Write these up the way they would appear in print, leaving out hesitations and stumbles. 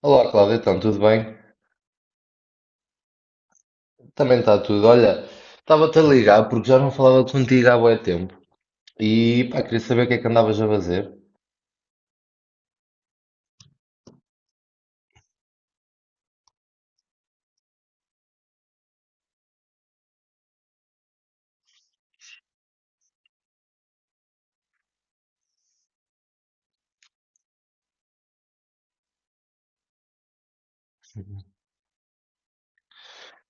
Olá, Cláudia, então, tudo bem? Também está tudo. Olha, estava-te a ligar porque já não falava contigo há bué tempo e pá, queria saber o que é que andavas a fazer.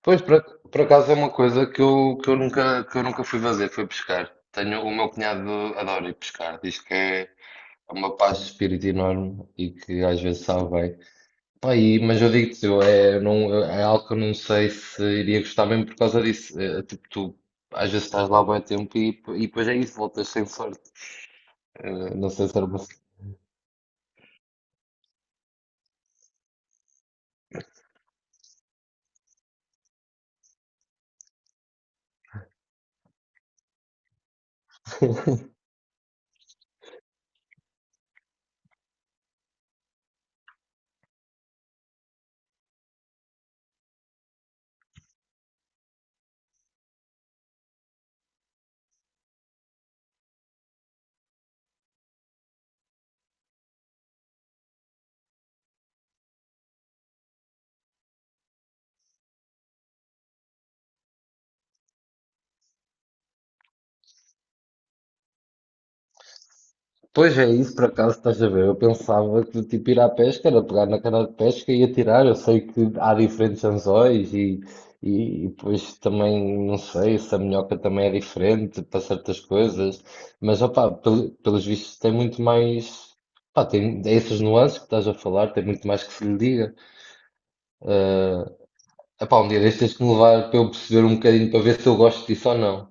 Pois, por acaso é uma coisa que eu nunca fui fazer, foi pescar. Tenho, o meu cunhado adora ir pescar, diz que é uma paz de espírito enorme e que às vezes sabe bem. Pá, mas eu digo-te, é, não, é algo que eu não sei se iria gostar mesmo por causa disso. É, é tipo, tu às vezes estás lá há bué tempo e depois é isso, voltas sem sorte. Não sei se era uma. Pois é, isso por acaso estás a ver? Eu pensava que tipo ir à pesca era pegar na cana de pesca e atirar. Eu sei que há diferentes anzóis e depois também não sei se a minhoca também é diferente para certas coisas, mas opá, pelos vistos tem muito mais. Pá, tem essas nuances que estás a falar, tem muito mais que se lhe diga. Ah, epá, um dia deixas-me levar para eu perceber um bocadinho para ver se eu gosto disso ou não.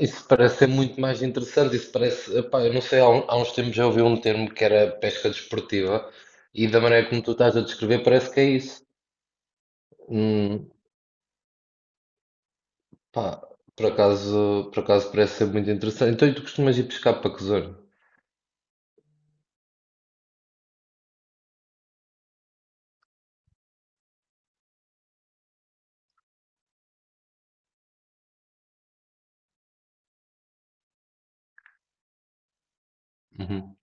Isso parece ser muito mais interessante. Isso parece, epá, eu não sei, há, há uns tempos já ouvi um termo que era pesca desportiva e da maneira como tu estás a descrever parece que é isso. Hum, pá, por acaso parece ser muito interessante. Então, e tu costumas ir pescar para que zona? Uhum.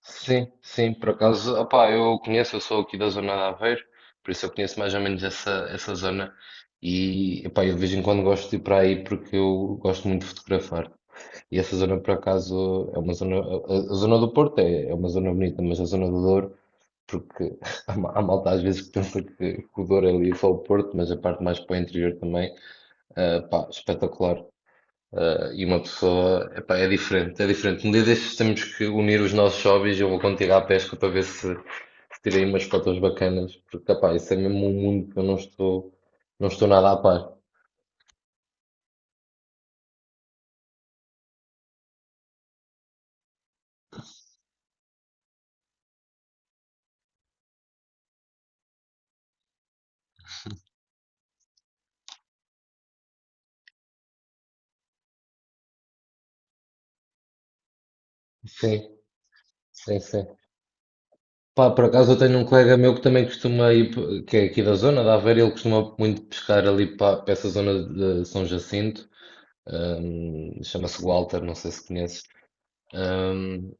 Sim, sim, por acaso, opá, eu conheço, eu sou aqui da zona de Aveiro, por isso eu conheço mais ou menos essa zona e, opá, eu de vez em quando gosto de ir para aí porque eu gosto muito de fotografar. E essa zona, por acaso, é uma zona. A zona do Porto é, é uma zona bonita, mas a zona do Douro, porque há, há malta às vezes que pensa que o Douro é ali só o Porto, mas a parte mais para o interior também, ah, pá, espetacular. Ah, e uma pessoa, epá, é diferente, é diferente. Um dia destes temos que unir os nossos hobbies. Eu vou contigo à pesca para ver se, se tirei umas fotos bacanas, porque, epá, isso é mesmo um mundo que eu não estou, não estou nada a par. Sim, sim, sim. Pá, por acaso eu tenho um colega meu que também costuma ir, que é aqui da zona da Aveiro, ele costuma muito pescar ali para essa zona de São Jacinto, chama-se Walter, não sei se conheces. Hum,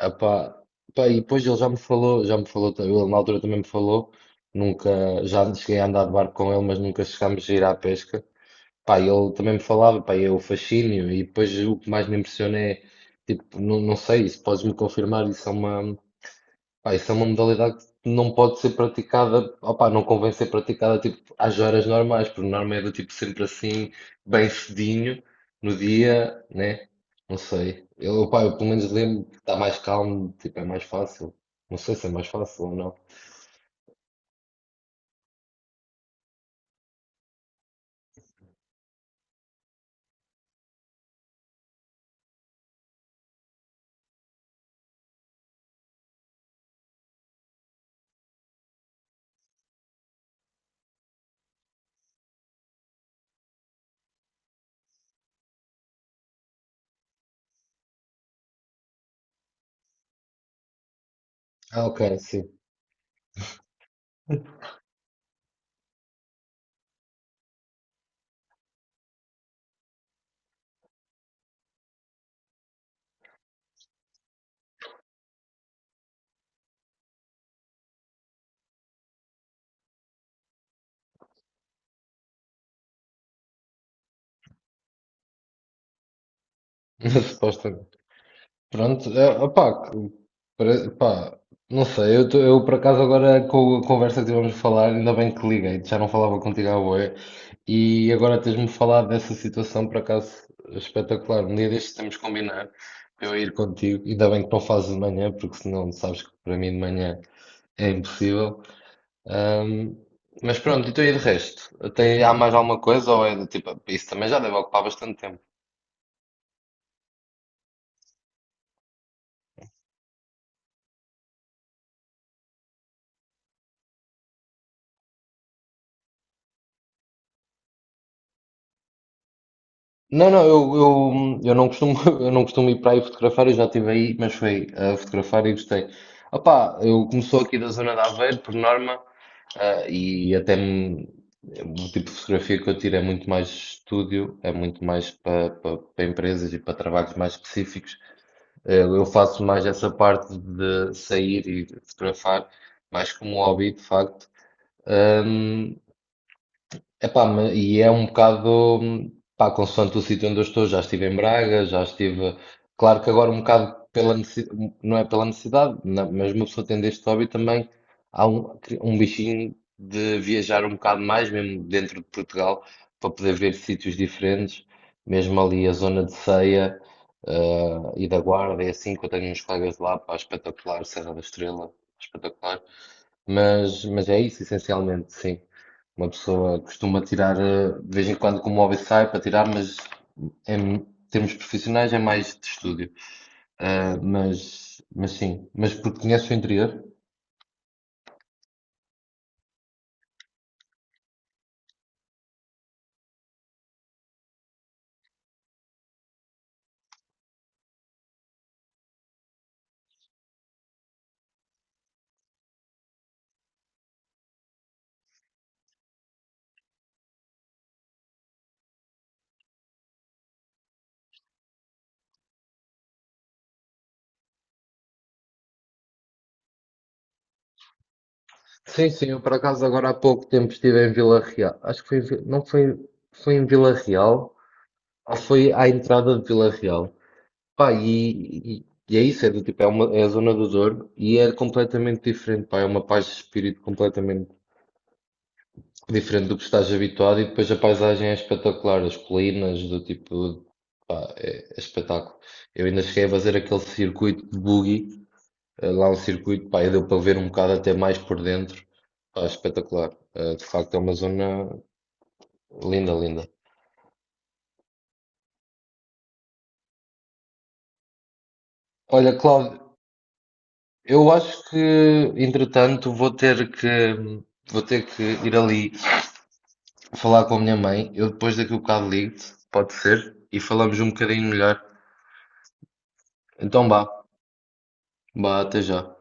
ah pá, pá, e depois ele já me falou, ele na altura também me falou, nunca, já cheguei a andar de barco com ele, mas nunca chegámos a ir à pesca. Pá, e ele também me falava, pá, e é o fascínio, e depois o que mais me impressiona é, tipo, não, não sei, se podes me confirmar, isso é uma. Pá, isso é uma modalidade que não pode ser praticada, opá, não convém ser praticada tipo, às horas normais, porque normalmente é do tipo sempre assim, bem cedinho, no dia, né? Não sei. Eu, opá, eu pelo menos lembro que está mais calmo, tipo, é mais fácil. Não sei se é mais fácil ou não. Ah, ok, sim. Supostamente. Pronto, é, opá, pá, não sei, eu, eu por acaso agora com a conversa que tivemos a falar, ainda bem que liguei, já não falava contigo à boia, e agora tens-me falado dessa situação, por acaso espetacular. Um dia destes temos que combinar para eu ir contigo, ainda bem que não fazes de manhã, porque senão sabes que para mim de manhã é impossível. Ahm, mas pronto, então e de resto? Tem, há mais alguma coisa ou é do tipo, isso também já deve ocupar bastante tempo? Não, não, eu não costumo, eu não costumo ir para aí fotografar, eu já estive aí, mas foi a fotografar e gostei. Opá, eu começou aqui da zona de Aveiro, por norma, ah, e o tipo de fotografia que eu tiro é muito mais estúdio, é muito mais para empresas e para trabalhos mais específicos. Eu faço mais essa parte de sair e fotografar, mais como hobby, de facto. Epá, e é um bocado, pá, consoante o sítio onde eu estou, já estive em Braga, já estive, claro que agora um bocado pela necessidade, não é pela necessidade, não, mas uma pessoa tendo este hobby também, há um, um bichinho de viajar um bocado mais, mesmo dentro de Portugal, para poder ver sítios diferentes, mesmo ali a zona de Ceia, e da Guarda, é assim que eu tenho uns colegas de lá, pá, espetacular, Serra da Estrela, espetacular. Mas é isso, essencialmente, sim. Uma pessoa costuma tirar, de vez em quando, como hobby sai para tirar, mas em termos profissionais é mais de estúdio. Ah, mas sim, mas porque conheces o interior? Sim, sim, eu por acaso agora há pouco tempo estive em Vila Real. Acho que foi, em Vi- não foi, foi em Vila Real, ou foi à entrada de Vila Real. Pá, e é isso, é do tipo, é, uma, é a zona do Douro e é completamente diferente, pá, é uma paz de espírito completamente diferente do que estás habituado e depois a paisagem é espetacular, as colinas do tipo, pá, é, é espetáculo. Eu ainda cheguei a fazer aquele circuito de buggy, lá um circuito, pá, e deu para ver um bocado até mais por dentro, pá, espetacular. De facto é uma zona linda, linda. Olha, Cláudio, eu acho que, entretanto, vou ter que ir ali falar com a minha mãe. Eu depois daqui a bocado ligo-te, pode ser, e falamos um bocadinho melhor. Então vá, vá, até já.